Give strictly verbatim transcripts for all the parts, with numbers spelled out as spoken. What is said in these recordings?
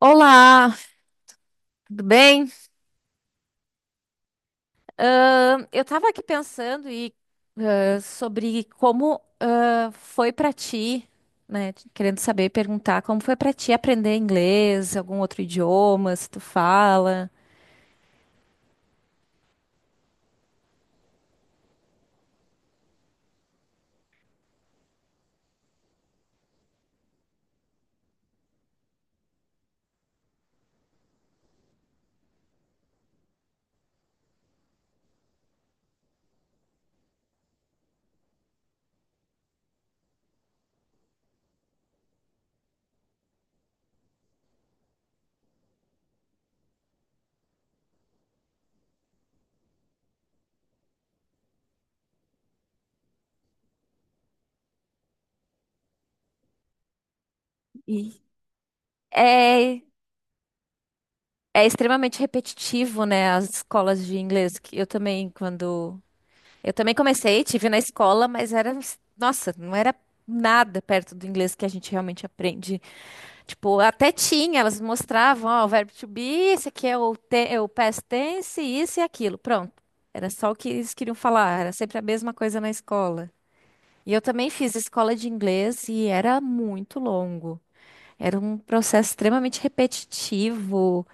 Olá, tudo bem? Eu estava aqui pensando e, eh, sobre como ah, foi para ti, né? Querendo saber e perguntar como foi para ti aprender inglês, algum outro idioma, se tu fala. E é, É extremamente repetitivo, né? As escolas de inglês que eu também quando eu também comecei, tive na escola, mas era, nossa, não era nada perto do inglês que a gente realmente aprende. Tipo, até tinha, elas mostravam, ó, o verbo to be, esse aqui é o, te- é o past tense, isso e aquilo. Pronto. Era só o que eles queriam falar, era sempre a mesma coisa na escola. E eu também fiz escola de inglês e era muito longo. Era um processo extremamente repetitivo,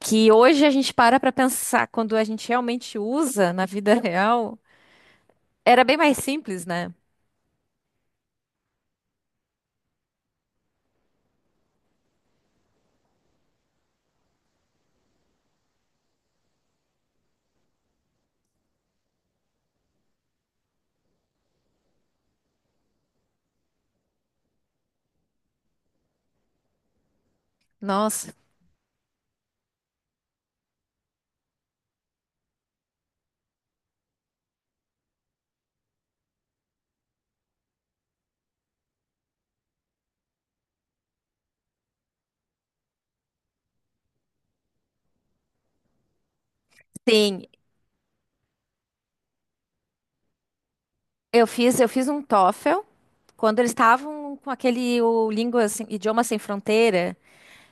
que hoje a gente para para pensar quando a gente realmente usa na vida real. Era bem mais simples, né? Nossa. Sim, eu fiz, eu fiz um TOEFL. Quando eles estavam com aquele o língua sem, idioma sem fronteira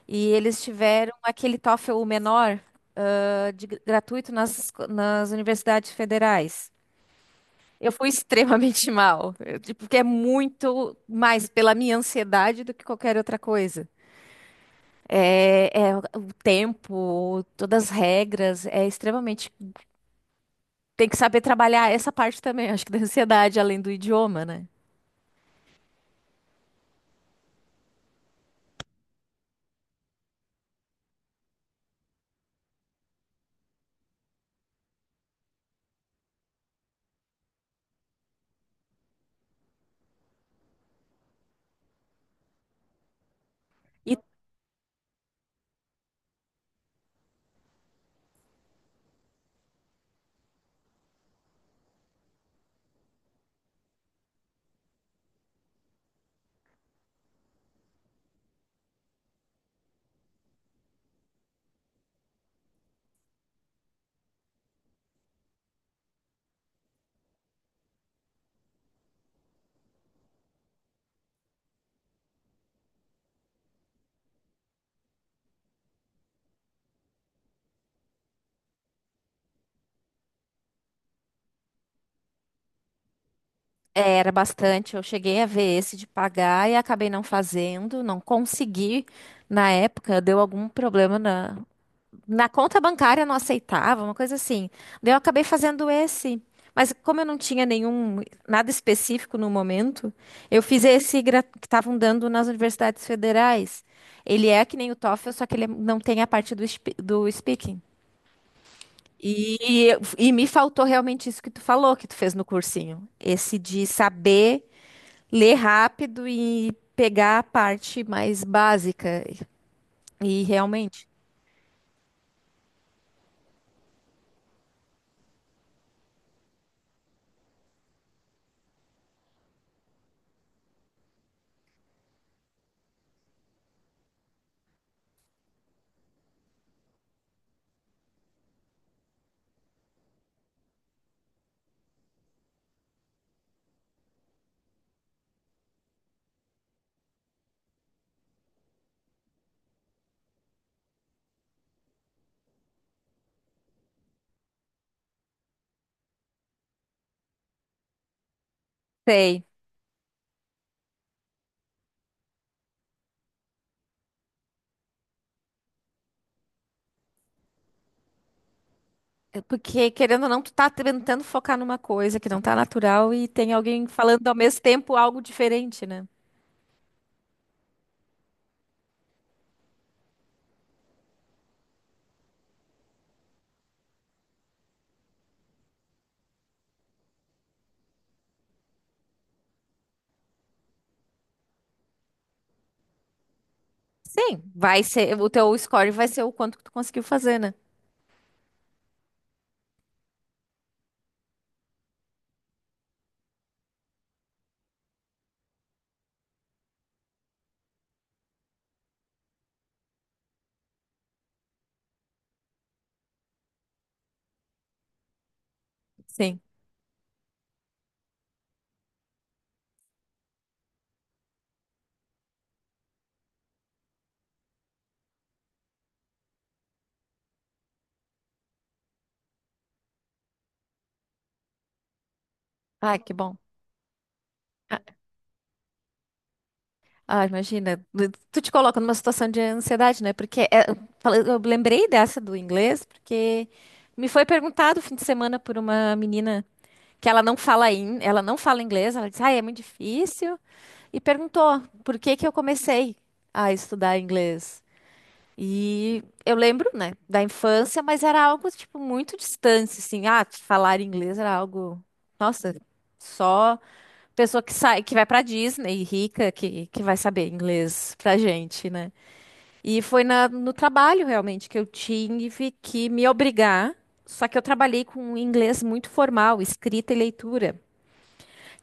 e eles tiveram aquele TOEFL menor, ah, de, gr- gratuito nas, nas universidades federais. Eu fui extremamente mal, eu, tipo, porque é muito mais pela minha ansiedade do que qualquer outra coisa. É, é o tempo, todas as regras, é extremamente. Tem que saber trabalhar essa parte também, acho que da ansiedade, além do idioma, né? E É, Era bastante. Eu cheguei a ver esse de pagar e acabei não fazendo, não consegui na época. Deu algum problema na, na conta bancária, não aceitava, uma coisa assim. Daí eu acabei fazendo esse. Mas como eu não tinha nenhum, nada específico no momento, eu fiz esse gra- que estavam dando nas universidades federais. Ele é que nem o TOEFL, só que ele é, não tem a parte do, spe- do speaking. E, e me faltou realmente isso que tu falou, que tu fez no cursinho. Esse de saber. Ler rápido e pegar a parte mais básica. E realmente, sei. É. Porque, querendo ou não, tu tá tentando focar numa coisa que não tá natural e tem alguém falando ao mesmo tempo algo diferente, né? Sim, vai ser, o teu score vai ser o quanto que tu conseguiu fazer, né? Sim. Ah, que bom. Ah, ah, imagina, tu te coloca numa situação de ansiedade, né? Porque é, eu falei- eu lembrei dessa do inglês, porque me foi perguntado o fim de semana por uma menina que ela não fala in, ela não fala inglês, ela disse, ah, é muito difícil, e perguntou por que que eu comecei a estudar inglês. E eu lembro, né, da infância, mas era algo, tipo, muito distante, assim, ah, falar inglês era algo, nossa, só pessoa que sai, que vai pra Disney, rica, que, que vai saber inglês pra gente, né? E foi na, no trabalho, realmente, que eu tive que me obrigar, só que eu trabalhei com inglês muito formal, escrita e leitura.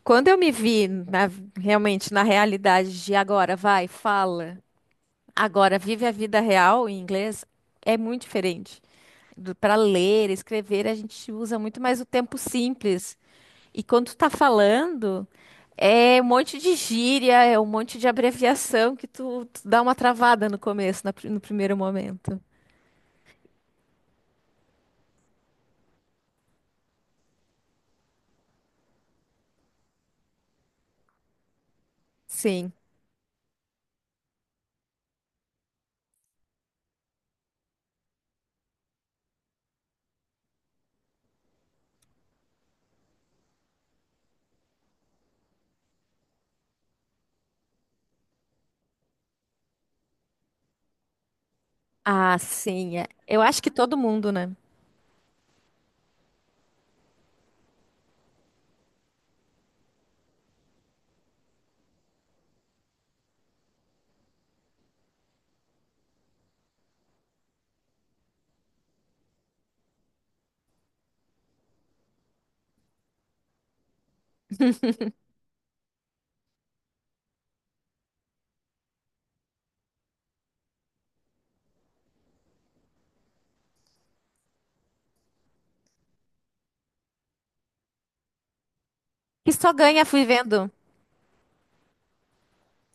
Quando eu me vi na- realmente na realidade de agora, vai, fala, agora vive a vida real em inglês, é muito diferente. Para ler, escrever, a gente usa muito mais o tempo simples. E quando tu tá falando, é um monte de gíria, é um monte de abreviação que tu, tu dá uma travada no começo, na pri- no primeiro momento. Sim. Ah, sim. É. Eu acho que todo mundo, né? Que só ganha vivendo.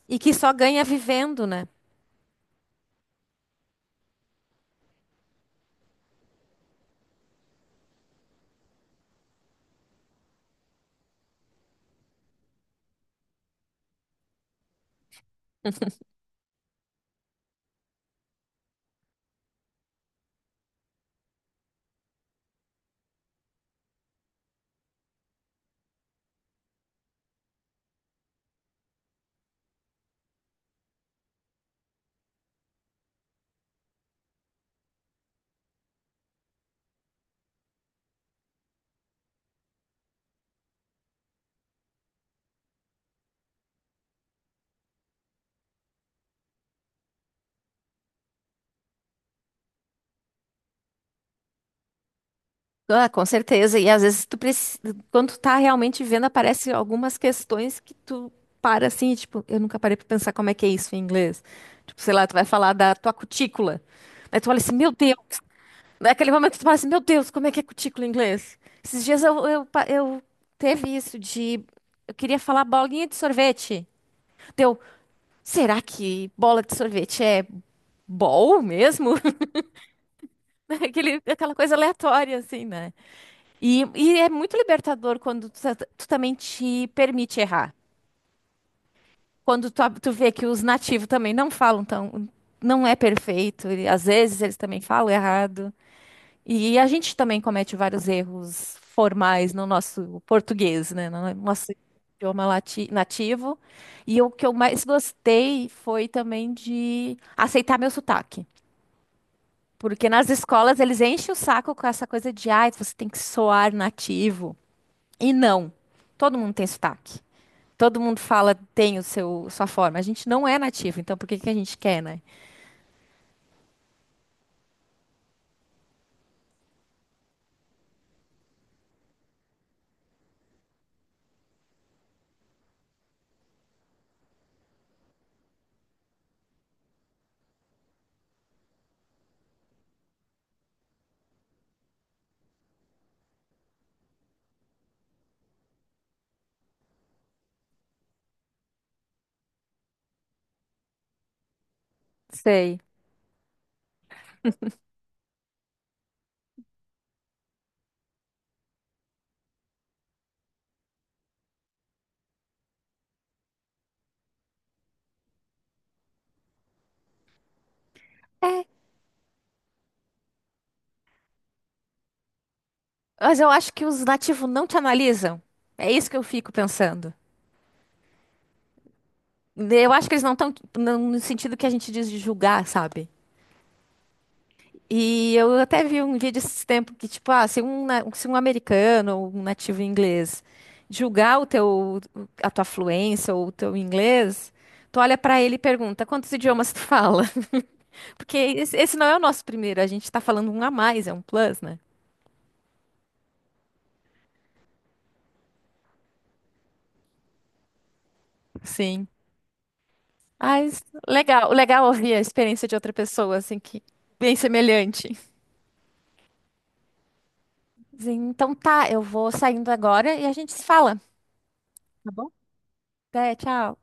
E que só ganha vivendo, né? Ah, com certeza. E às vezes tu precisa, quando tu tá realmente vendo, aparecem algumas questões que tu para assim, e, tipo, eu nunca parei pra pensar como é que é isso em inglês. Tipo, sei lá, tu vai falar da tua cutícula. Aí tu olha assim, meu Deus. Naquele momento tu fala assim, meu Deus, como é que é cutícula em inglês? Esses dias eu, eu, pa- eu teve isso de. Eu queria falar bolinha de sorvete. Deu, será que bola de sorvete é bol mesmo? Aquele, aquela coisa aleatória, assim, né? E, e é muito libertador quando tu, ta- tu também te permite errar. Quando tu, ab- tu vê que os nativos também não falam tão, não é perfeito. E às vezes eles também falam errado. E a gente também comete vários erros formais no nosso português, né? No nosso idioma lati- nativo. E o que eu mais gostei foi também de aceitar meu sotaque. Porque nas escolas eles enchem o saco com essa coisa de, ai, você tem que soar nativo. E não, todo mundo tem sotaque. Todo mundo fala, tem o seu, sua forma. A gente não é nativo, então por que que a gente quer, né? Sei. Mas eu acho que os nativos não te analisam. É isso que eu fico pensando. Eu acho que eles não estão no sentido que a gente diz de julgar, sabe? E eu até vi um vídeo esses tempos que, tipo, ah, se um, na- se um americano ou um nativo inglês julgar o teu, a tua fluência ou o teu inglês, tu olha pra ele e pergunta, quantos idiomas tu fala? Porque esse esse não é o nosso primeiro, a gente tá falando um a mais, é um plus, né? Sim. Mas legal, legal ouvir a experiência de outra pessoa, assim, que bem semelhante. Sim, então tá, eu vou saindo agora e a gente se fala, tá bom? Até, tchau.